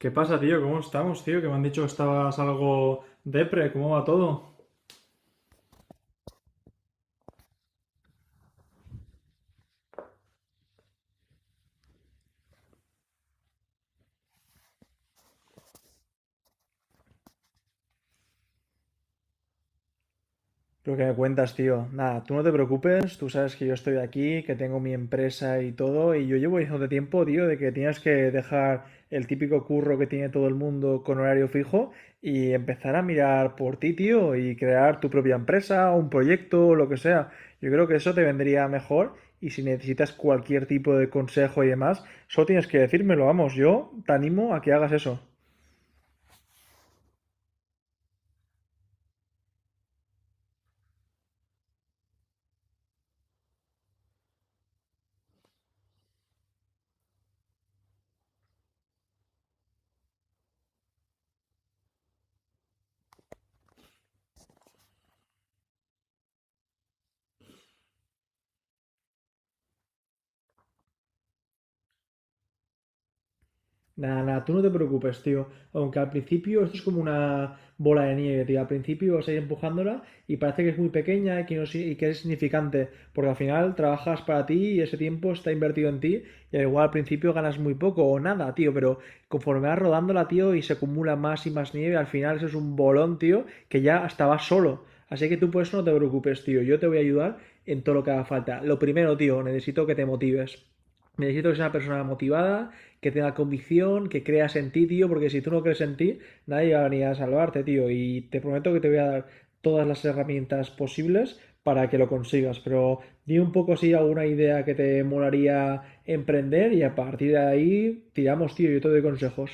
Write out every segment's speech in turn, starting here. ¿Qué pasa, tío? ¿Cómo estamos, tío? Que me han dicho que estabas algo depre. ¿Cómo va todo? Lo que me cuentas, tío. Nada, tú no te preocupes, tú sabes que yo estoy aquí, que tengo mi empresa y todo, y yo llevo diciéndote tiempo, tío, de que tienes que dejar el típico curro que tiene todo el mundo con horario fijo y empezar a mirar por ti, tío, y crear tu propia empresa, un proyecto, lo que sea. Yo creo que eso te vendría mejor y si necesitas cualquier tipo de consejo y demás, solo tienes que decírmelo, vamos, yo te animo a que hagas eso. Nada, nada, tú no te preocupes, tío. Aunque al principio esto es como una bola de nieve, tío. Al principio vas a ir empujándola y parece que es muy pequeña y que, no, si- y que es insignificante, porque al final trabajas para ti y ese tiempo está invertido en ti y al igual al principio ganas muy poco o nada, tío, pero conforme vas rodándola, tío, y se acumula más y más nieve, al final eso es un bolón, tío, que ya hasta vas solo. Así que tú por eso no te preocupes, tío. Yo te voy a ayudar en todo lo que haga falta. Lo primero, tío, necesito que te motives. Necesito que seas una persona motivada, que tenga convicción, que creas en ti, tío, porque si tú no crees en ti, nadie va a venir a salvarte, tío. Y te prometo que te voy a dar todas las herramientas posibles para que lo consigas. Pero di un poco si alguna idea que te molaría emprender y a partir de ahí tiramos, tío, yo te doy consejos.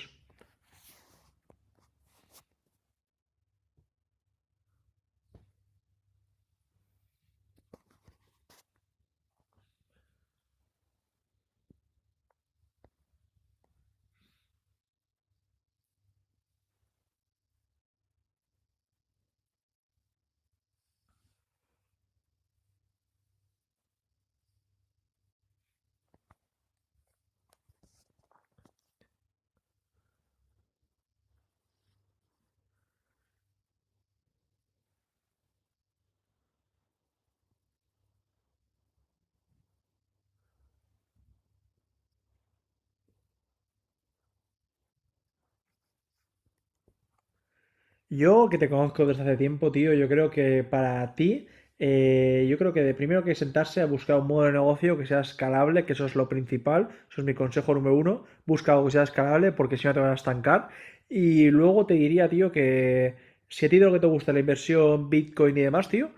Yo, que te conozco desde hace tiempo, tío, yo creo que para ti, yo creo que de primero que sentarse a buscar un modelo de negocio que sea escalable, que eso es lo principal, eso es mi consejo número uno, busca algo que sea escalable porque si no te van a estancar. Y luego te diría, tío, que si a ti de lo que te gusta la inversión, Bitcoin y demás, tío,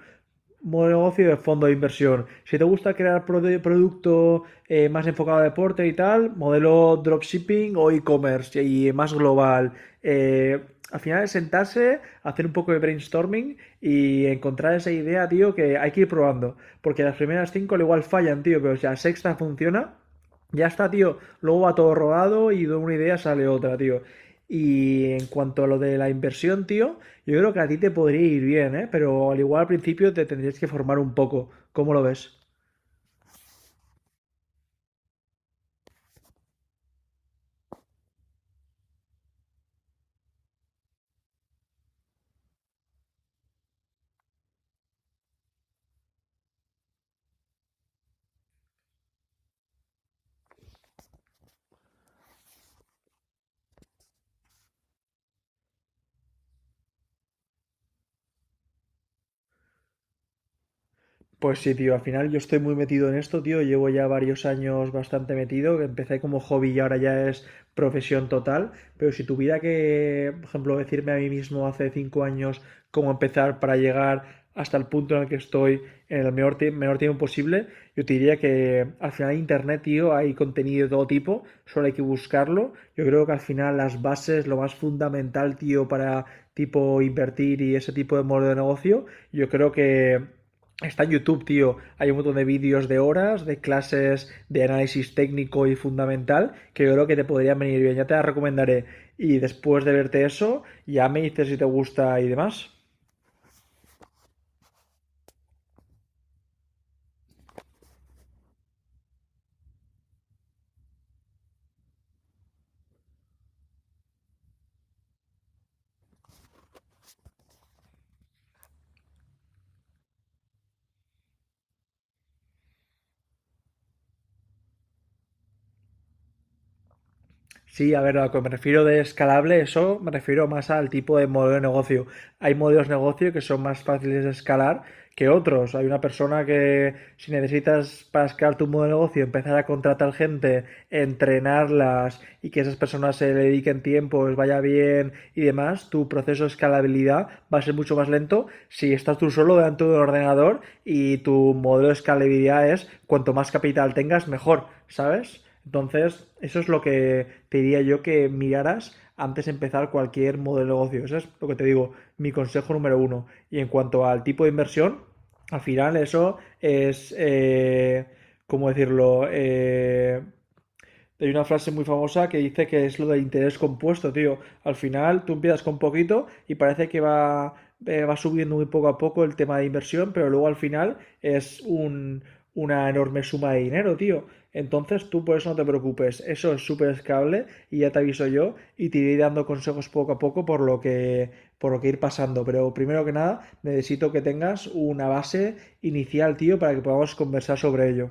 modelo de negocio de fondo de inversión. Si te gusta crear producto más enfocado a deporte y tal, modelo dropshipping o e-commerce y más global. Eh, Al final es sentarse, hacer un poco de brainstorming y encontrar esa idea, tío, que hay que ir probando. Porque las primeras cinco al igual fallan, tío, pero si la sexta funciona, ya está, tío. Luego va todo rodado y de una idea sale otra, tío. Y en cuanto a lo de la inversión, tío, yo creo que a ti te podría ir bien, ¿eh? Pero al igual al principio te tendrías que formar un poco. ¿Cómo lo ves? Pues sí, tío, al final yo estoy muy metido en esto, tío. Llevo ya varios años bastante metido. Empecé como hobby y ahora ya es profesión total. Pero si tuviera que, por ejemplo, decirme a mí mismo hace 5 años cómo empezar para llegar hasta el punto en el que estoy en el menor tiempo posible, yo te diría que al final en Internet, tío, hay contenido de todo tipo, solo hay que buscarlo. Yo creo que al final las bases, lo más fundamental, tío, para tipo invertir y ese tipo de modelo de negocio, yo creo que está en YouTube, tío. Hay un montón de vídeos de horas, de clases de análisis técnico y fundamental, que yo creo que te podrían venir bien. Ya te las recomendaré. Y después de verte eso, ya me dices si te gusta y demás. Sí, a ver, a lo que me refiero de escalable, eso me refiero más al tipo de modelo de negocio. Hay modelos de negocio que son más fáciles de escalar que otros. Hay una persona que si necesitas para escalar tu modelo de negocio empezar a contratar gente, entrenarlas y que esas personas se le dediquen tiempo, les vaya bien y demás, tu proceso de escalabilidad va a ser mucho más lento si estás tú solo delante de un ordenador y tu modelo de escalabilidad es cuanto más capital tengas, mejor, ¿sabes? Entonces, eso es lo que te diría yo que miraras antes de empezar cualquier modelo de negocio. Eso es lo que te digo, mi consejo número uno. Y en cuanto al tipo de inversión, al final eso es, ¿cómo decirlo? Hay una frase muy famosa que dice que es lo de interés compuesto, tío. Al final tú empiezas con poquito y parece que va subiendo muy poco a poco el tema de inversión, pero luego al final una enorme suma de dinero, tío. Entonces tú por eso no te preocupes, eso es súper escalable y ya te aviso yo y te iré dando consejos poco a poco por lo que ir pasando. Pero primero que nada necesito que tengas una base inicial, tío, para que podamos conversar sobre ello.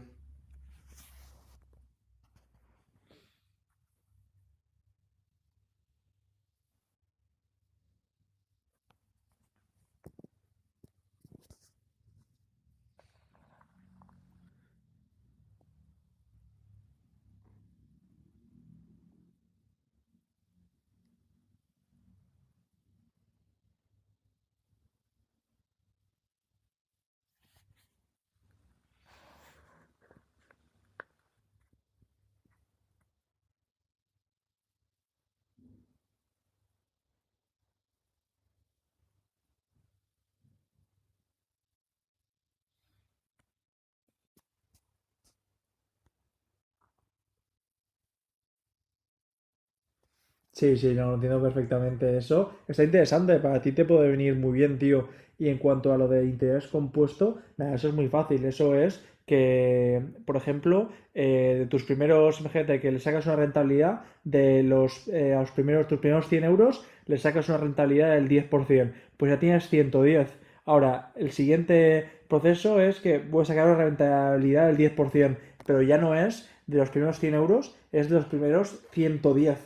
Sí, sí, no, entiendo perfectamente eso. Está interesante, para ti te puede venir muy bien, tío. Y en cuanto a lo de interés compuesto, nada, eso es muy fácil. Eso es que, por ejemplo, de tus primeros, imagínate que le sacas una rentabilidad de a los primeros, tus primeros 100 euros, le sacas una rentabilidad del 10%. Pues ya tienes 110. Ahora, el siguiente proceso es que voy a sacar una rentabilidad del 10%, pero ya no es de los primeros 100 euros, es de los primeros 110.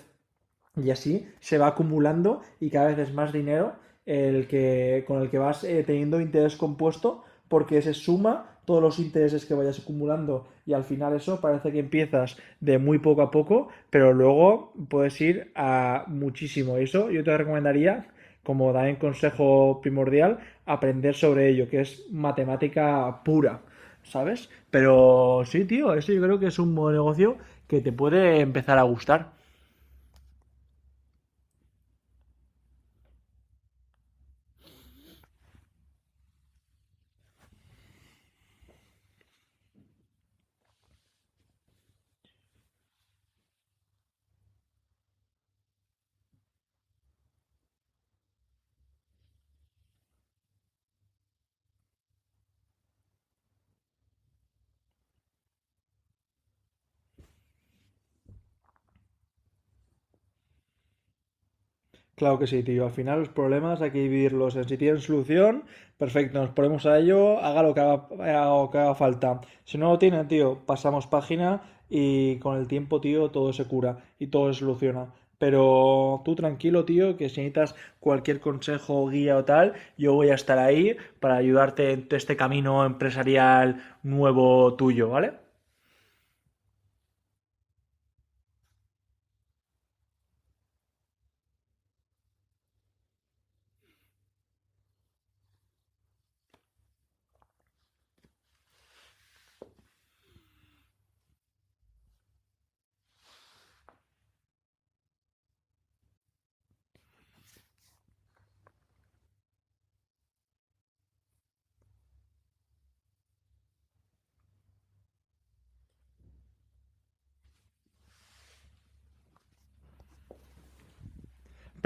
Y así se va acumulando y cada vez es más dinero con el que vas teniendo interés compuesto porque se suma todos los intereses que vayas acumulando y al final eso parece que empiezas de muy poco a poco, pero luego puedes ir a muchísimo. Eso yo te recomendaría, como también consejo primordial, aprender sobre ello, que es matemática pura, ¿sabes? Pero sí, tío, eso yo creo que es un buen negocio que te puede empezar a gustar. Claro que sí, tío. Al final los problemas hay que vivirlos. Si tienen solución, perfecto, nos ponemos a ello, haga lo que haga falta. Si no lo tienen, tío, pasamos página y con el tiempo, tío, todo se cura y todo se soluciona. Pero tú tranquilo, tío, que si necesitas cualquier consejo, guía o tal, yo voy a estar ahí para ayudarte en este camino empresarial nuevo tuyo, ¿vale?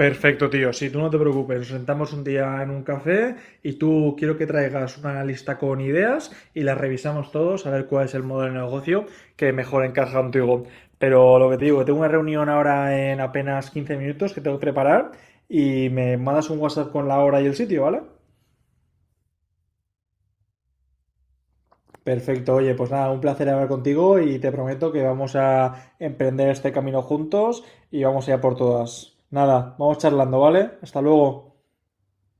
Perfecto, tío. Si tú no te preocupes. Nos sentamos un día en un café y tú quiero que traigas una lista con ideas y las revisamos todos a ver cuál es el modelo de negocio que mejor encaja contigo. Pero lo que te digo, que tengo una reunión ahora en apenas 15 minutos que tengo que preparar y me mandas un WhatsApp con la hora y el sitio, ¿vale? Perfecto, oye, pues nada, un placer hablar contigo y te prometo que vamos a emprender este camino juntos y vamos a ir a por todas. Nada, vamos charlando, ¿vale? Hasta luego.